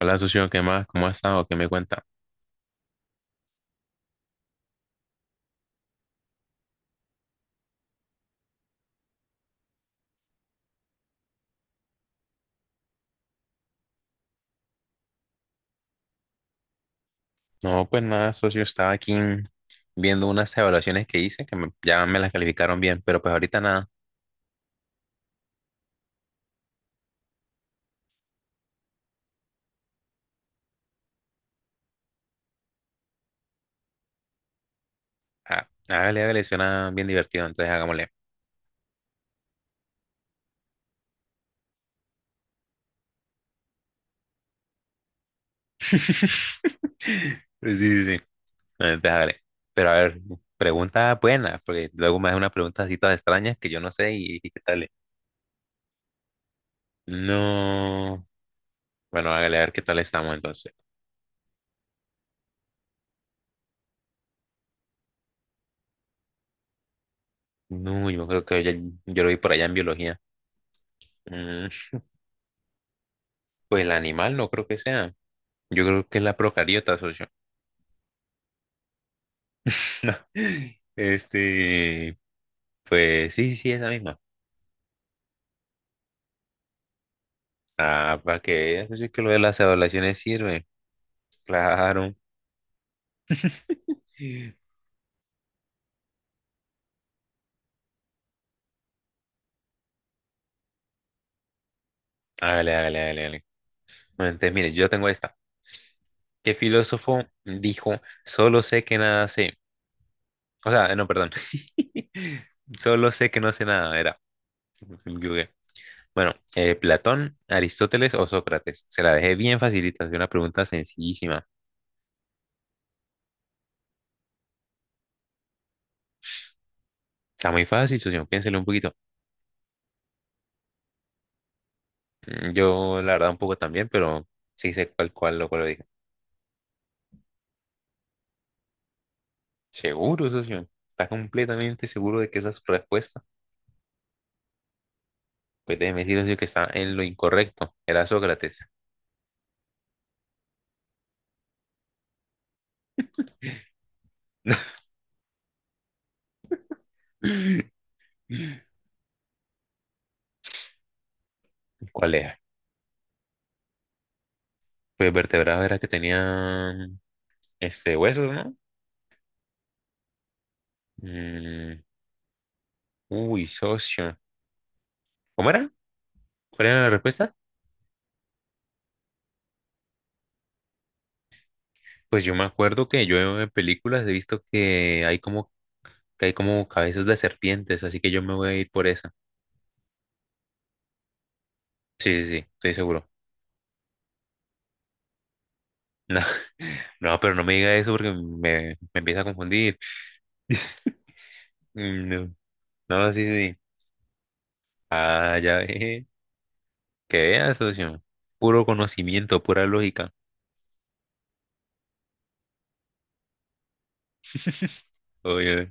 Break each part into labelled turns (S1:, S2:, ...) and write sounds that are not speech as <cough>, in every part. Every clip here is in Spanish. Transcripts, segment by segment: S1: Hola, socio, ¿qué más? ¿Cómo has estado? ¿Qué me cuenta? No, pues nada, socio, estaba aquí viendo unas evaluaciones que hice que me- ya me las calificaron bien, pero pues ahorita nada. Ah, hágale, hágale, suena bien divertido, entonces hagámosle. <laughs> Pues sí, sí, sí. Entonces hágale. Pero a ver, pregunta buena, porque luego me hace unas preguntas así todas extrañas que yo no sé y qué tal es. No. Bueno, hágale, a ver qué tal estamos entonces. No, yo creo que ya- yo lo vi por allá en biología. Mm, pues el animal no creo que sea. Yo creo que es la procariota, socio. <laughs> No. Este, pues sí, sí, sí, esa misma. Ah, para que veas, socio, que lo de las evaluaciones sirve. Claro. Hágale, hágale, hágale, hágale. Bueno, entonces, mire, yo tengo esta. ¿Qué filósofo dijo, solo sé que nada sé? O sea, no, perdón. <laughs> Solo sé que no sé nada, era. Google. Bueno, Platón, Aristóteles o Sócrates. Se la dejé bien facilita, es una pregunta sencillísima. Está muy fácil, socio, piénselo un poquito. Mm, yo, la verdad, un poco también, pero sí sé cuál, lo cual lo dije. Seguro, socio. Está completamente seguro de que esa es su respuesta. Pues déjeme decir, socio, que está en lo incorrecto. Era Sócrates. <laughs> ¿Cuál era? Pues vertebrados era que tenían este huesos, ¿no? Mm, uy, socio. ¿Cómo era? ¿Cuál era la respuesta? Pues yo me acuerdo que yo en películas he visto que hay como cabezas de serpientes, así que yo me voy a ir por esa. Sí, sí, sí, estoy seguro. <laughs> No. No, pero no me diga eso porque me empieza a confundir. <laughs> No, no, sí, sí. Ah, ya ve. Que vea, socio. Puro conocimiento, pura lógica. <laughs> Obvio.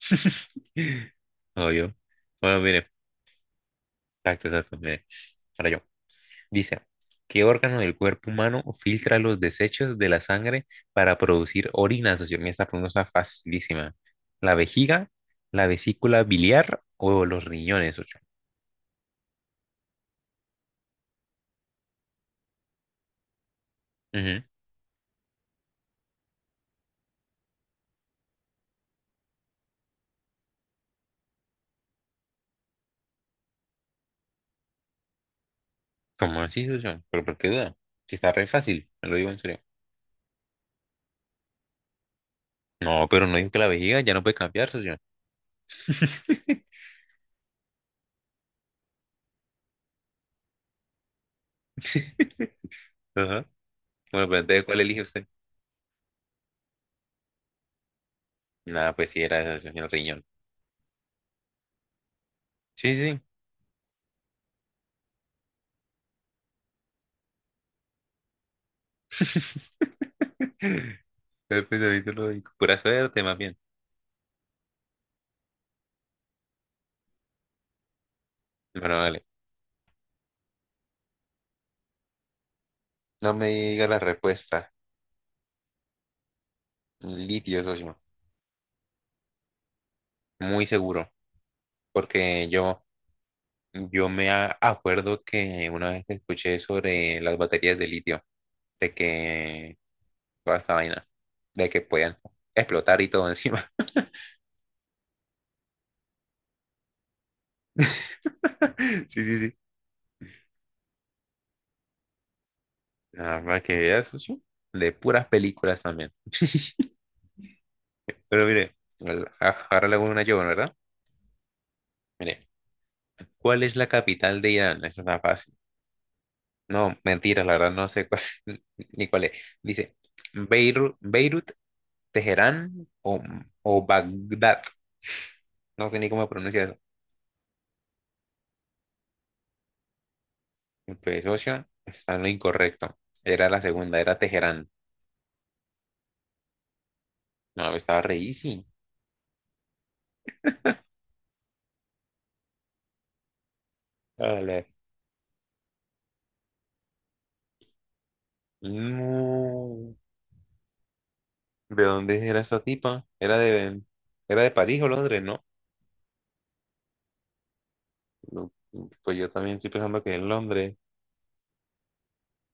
S1: <laughs> Obvio. Bueno, mire. Exacto, exacto. Mire. Ahora yo. Dice, ¿qué órgano del cuerpo humano filtra los desechos de la sangre para producir orina, socio? Mira, esta pregunta está facilísima. ¿La vejiga, la vesícula biliar o los riñones, socio? Ujú. ¿Cómo así, socio? ¿Pero por qué duda? Si está re fácil, me lo digo en serio. No, pero no dijo que la vejiga ya no puede cambiar, socio. <laughs> Ajá. Bueno, pues entonces, ¿cuál elige usted? Nada, pues sí, era esa, socio, el riñón. Sí, sí. <laughs> El pensamiento lógico. Pura suerte, más bien. Bueno, vale. No me diga la respuesta. Litio, socio. Muy seguro. Porque yo, yo me a- acuerdo que una vez escuché sobre las baterías de litio. De que toda esta vaina de que puedan explotar y todo encima. <laughs> Sí, sí, sí. Nada más que veas, socio, de puras películas también. <laughs> Pero mire, al- a- ahora le hago una yo, ¿verdad? Mire, ¿cuál es la capital de Irán? Esa está fácil. No, mentiras, la verdad no sé cuál, <laughs> ni cuál es. Dice, Beirut, Teherán o Bagdad. No sé ni cómo pronuncia eso. Pues, socio, está en lo incorrecto. Era la segunda, era Teherán. No, estaba re easy. Ah, no. ¿De dónde era esa tipa? Era de París o Londres, ¿no? No, pues yo también estoy pensando que en Londres.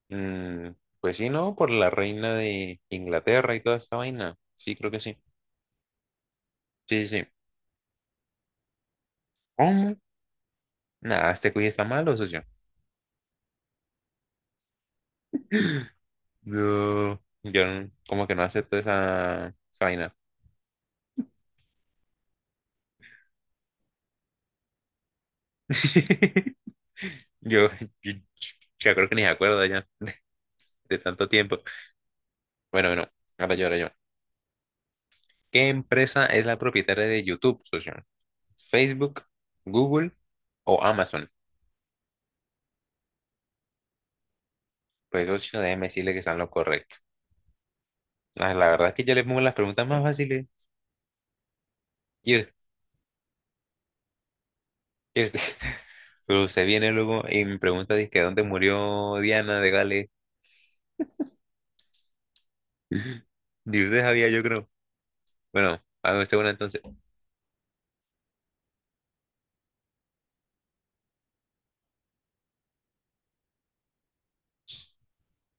S1: Mm, pues sí, ¿no? Por la reina de Inglaterra y toda esta vaina. Sí, creo que sí. Sí, sí, sí. ¿Cómo? Nada, este cuy está malo, socio. Yo no- como que no acepto esa vaina. <laughs> Yo, yo, yo creo que ni se acuerda ya de tanto tiempo. Bueno, bueno, ahora yo. ¿Qué empresa es la propietaria de YouTube, socio? Facebook, Google o Amazon. Pues ocho, déjeme decirle que están lo correcto. Ah, la verdad es que yo le pongo las preguntas más fáciles. Y, us- y usted, <laughs> pero usted viene luego y me pregunta, dice, ¿dónde murió Diana de Gales? <laughs> Y usted sabía, yo creo. Bueno, hago este una entonces.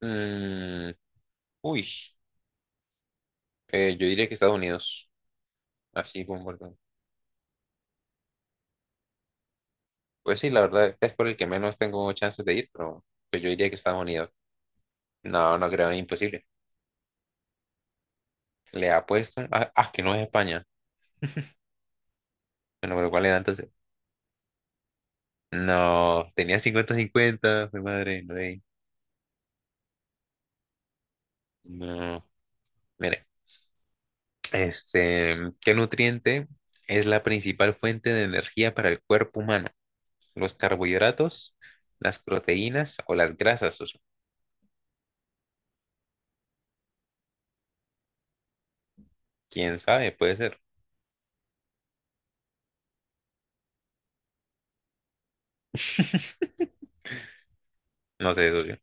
S1: Mm, uy, yo diría que Estados Unidos. Así como por todo. Pues sí, la verdad es por el que menos tengo chances de ir, pero pues yo diría que Estados Unidos. No, no creo, es imposible. Le apuesto. Ah, ah, que no es España. Bueno, pero ¿cuál era entonces? No, tenía 50/50 mi madre, no, no. Mire, este, ¿qué nutriente es la principal fuente de energía para el cuerpo humano? ¿Los carbohidratos, las proteínas o las grasas, socio? ¿Quién sabe? Puede ser. <laughs> No sé, socio.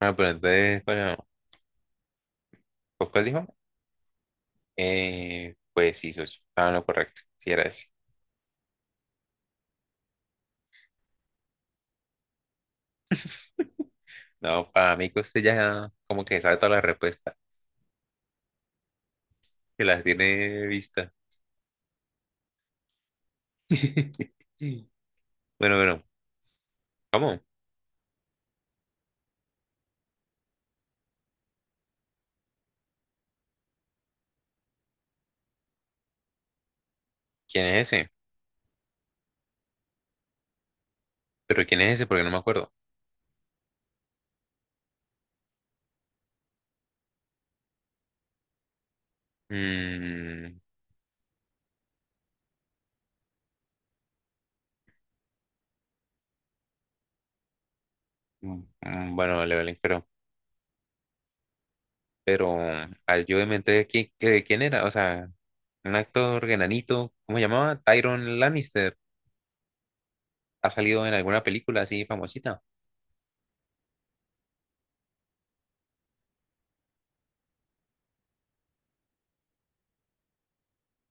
S1: Ah, pero entonces, bueno, ¿pues cuál dijo? Pues sí, socio, estaba en lo correcto, si era ese. No, para mí que usted ya como que sabe toda la respuesta, que las tiene vistas. <laughs> Bueno, bueno, ¿cómo? ¿Quién es ese? ¿Pero quién es ese? Porque no me acuerdo. Mm, mm, bueno, Levelin, pero ayúdeme entonces, ¿quién, qué- quién era? O sea, un actor enanito, ¿cómo se llamaba? Tyron Lannister. ¿Ha salido en alguna película así famosita?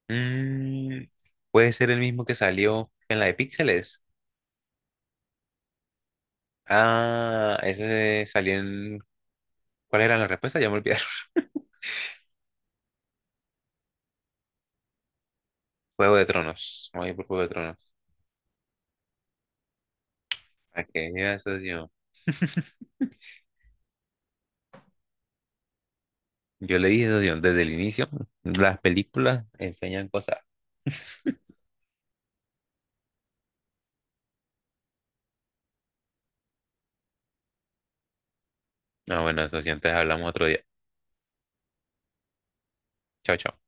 S1: Mm, puede ser el mismo que salió en la de Píxeles. Ah, ese salió en... ¿Cuál era la respuesta? Ya me olvidé. <laughs> Juego de Tronos. Vamos por Juego de Tronos. Aquella estación. Yo le dije, socio, desde el inicio, las películas enseñan cosas. Ah, bueno, socio, antes hablamos otro día. Chao, chao.